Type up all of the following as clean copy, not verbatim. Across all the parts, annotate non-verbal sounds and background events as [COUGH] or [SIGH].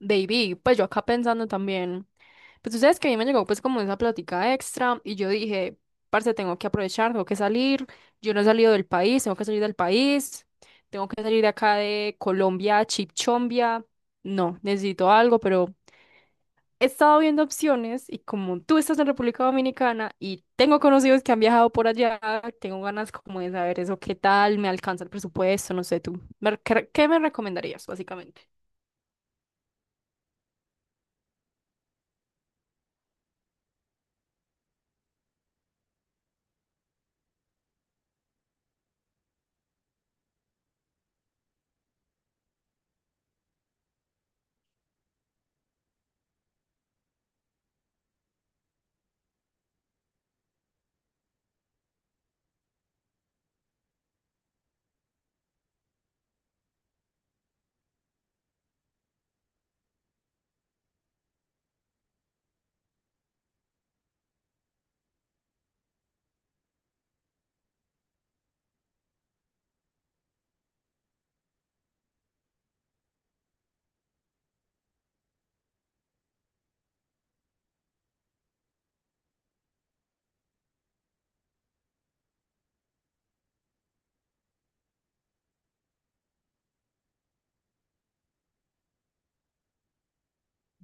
Baby, pues yo acá pensando también, pues tú sabes que a mí me llegó pues como esa plática extra y yo dije, parce, tengo que aprovechar, tengo que salir, yo no he salido del país, tengo que salir del país, tengo que salir de acá de Colombia, Chipchombia, no, necesito algo, pero he estado viendo opciones y como tú estás en República Dominicana y tengo conocidos que han viajado por allá, tengo ganas como de saber eso, qué tal, me alcanza el presupuesto, no sé, tú, ¿qué me recomendarías básicamente?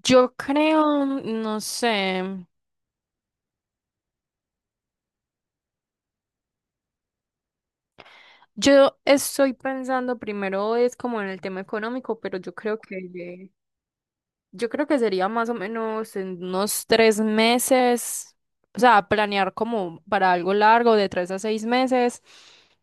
Yo creo, no sé, yo estoy pensando primero es como en el tema económico, pero yo creo que, yo creo que sería más o menos en unos tres meses, o sea, planear como para algo largo de tres a seis meses,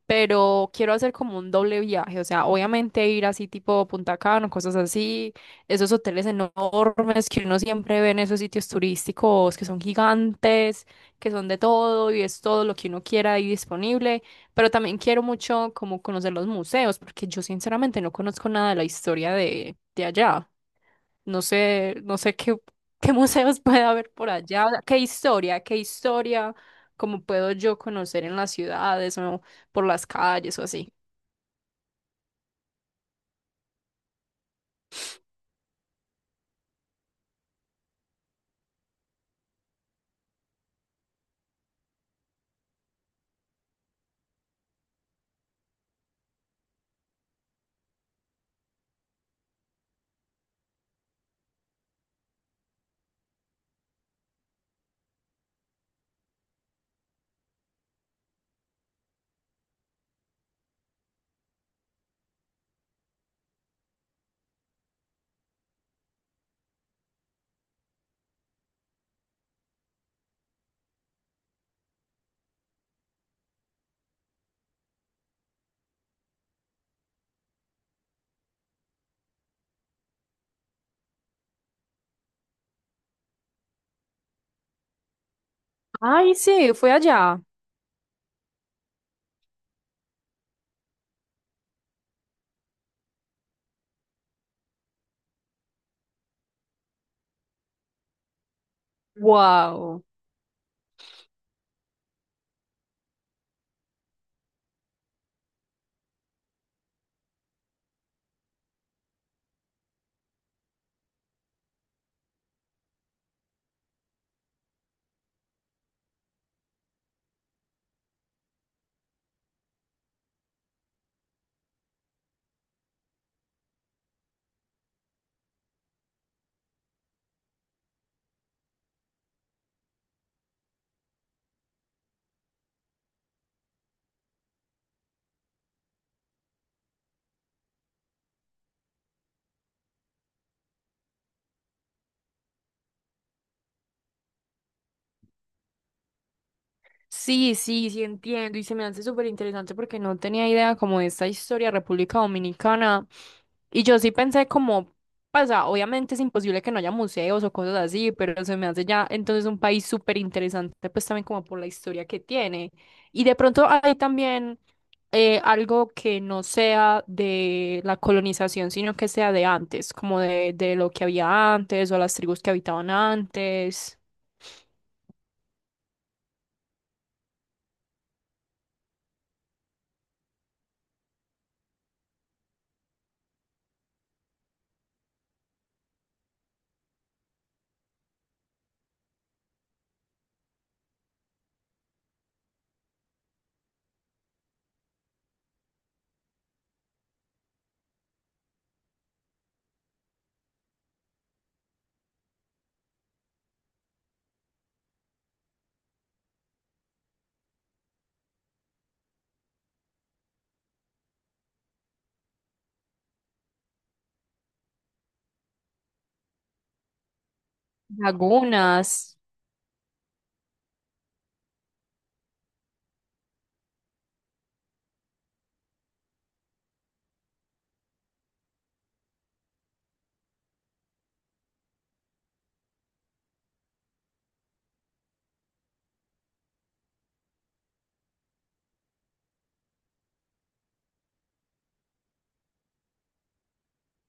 pero quiero hacer como un doble viaje, o sea, obviamente ir así tipo Punta Cana, cosas así, esos hoteles enormes que uno siempre ve en esos sitios turísticos que son gigantes, que son de todo y es todo lo que uno quiera ahí disponible, pero también quiero mucho como conocer los museos, porque yo sinceramente no conozco nada de la historia de allá. No sé qué, [LAUGHS] museos puede haber por allá, o sea, qué historia, cómo puedo yo conocer en las ciudades o por las calles o así. Ay, sí, fue allá. Wow. Sí, sí, sí entiendo y se me hace súper interesante porque no tenía idea como de esta historia de República Dominicana y yo sí pensé como, pasa, obviamente es imposible que no haya museos o cosas así, pero se me hace ya entonces un país súper interesante pues también como por la historia que tiene y de pronto hay también algo que no sea de la colonización sino que sea de antes, como de lo que había antes o las tribus que habitaban antes, lagunas.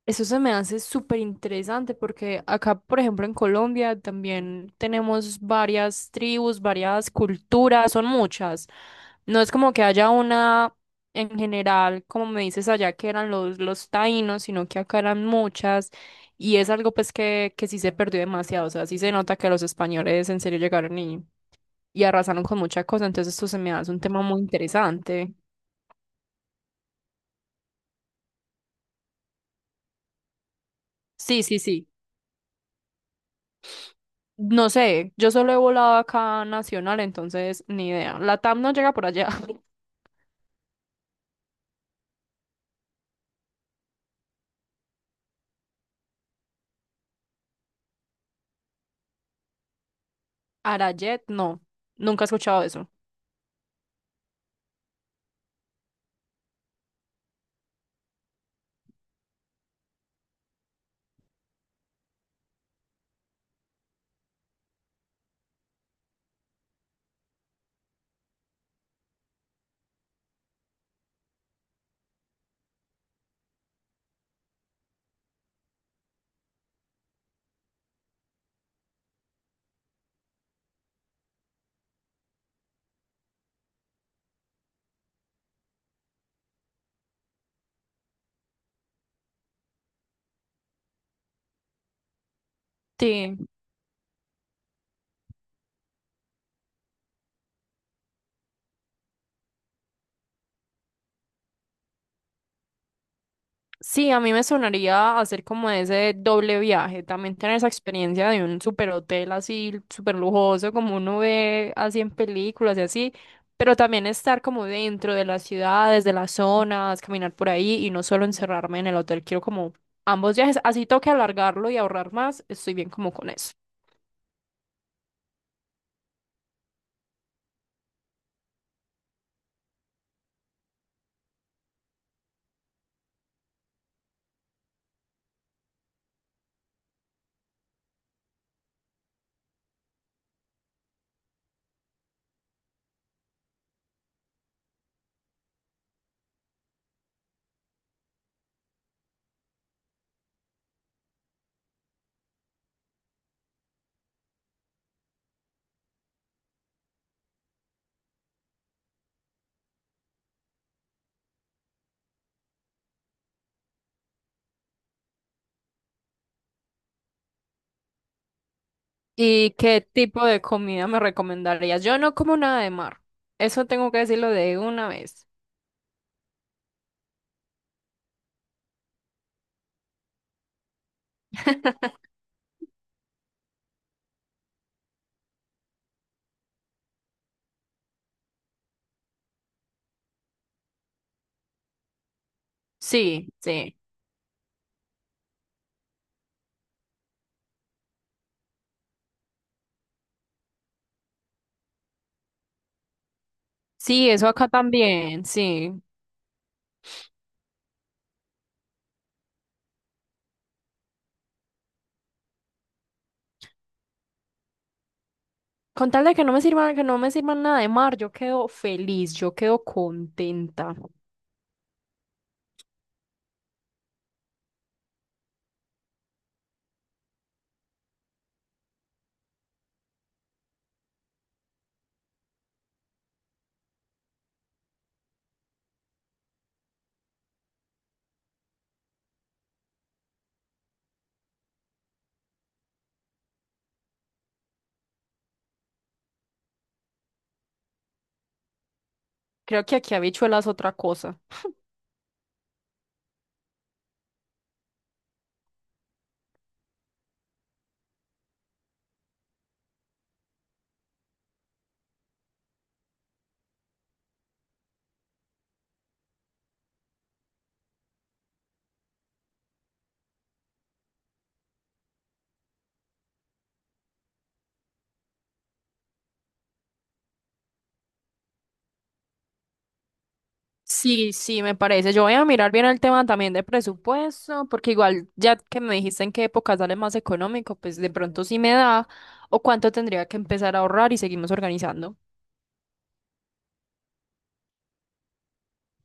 Eso se me hace súper interesante porque acá, por ejemplo, en Colombia también tenemos varias tribus, varias culturas, son muchas. No es como que haya una en general, como me dices allá que eran los taínos, sino que acá eran muchas y es algo pues que sí se perdió demasiado. O sea, sí se nota que los españoles en serio llegaron y arrasaron con mucha cosa, entonces esto se me hace un tema muy interesante. Sí, sí, sí. No sé, yo solo he volado acá nacional, entonces ni idea. La TAM no llega por allá. [LAUGHS] Arajet, no, nunca he escuchado eso. Sí, sí, a mí me sonaría hacer como ese doble viaje, también tener esa experiencia de un super hotel así, super lujoso, como uno ve así en películas y así, pero también estar como dentro de las ciudades, de las zonas, caminar por ahí y no solo encerrarme en el hotel, quiero como ambos viajes, así toque alargarlo y ahorrar más, estoy bien como con eso. ¿Y qué tipo de comida me recomendarías? Yo no como nada de mar. Eso tengo que decirlo de una vez. Sí, sí. Sí, eso acá también, sí. Con tal de que no me sirvan, que no me sirvan nada de mar, yo quedo feliz, yo quedo contenta. Creo que aquí habichuelas es otra cosa. Sí, sí, me parece. Yo voy a mirar bien el tema también de presupuesto, porque igual ya que me dijiste en qué época sale más económico, pues de pronto sí me da, o cuánto tendría que empezar a ahorrar y seguimos organizando.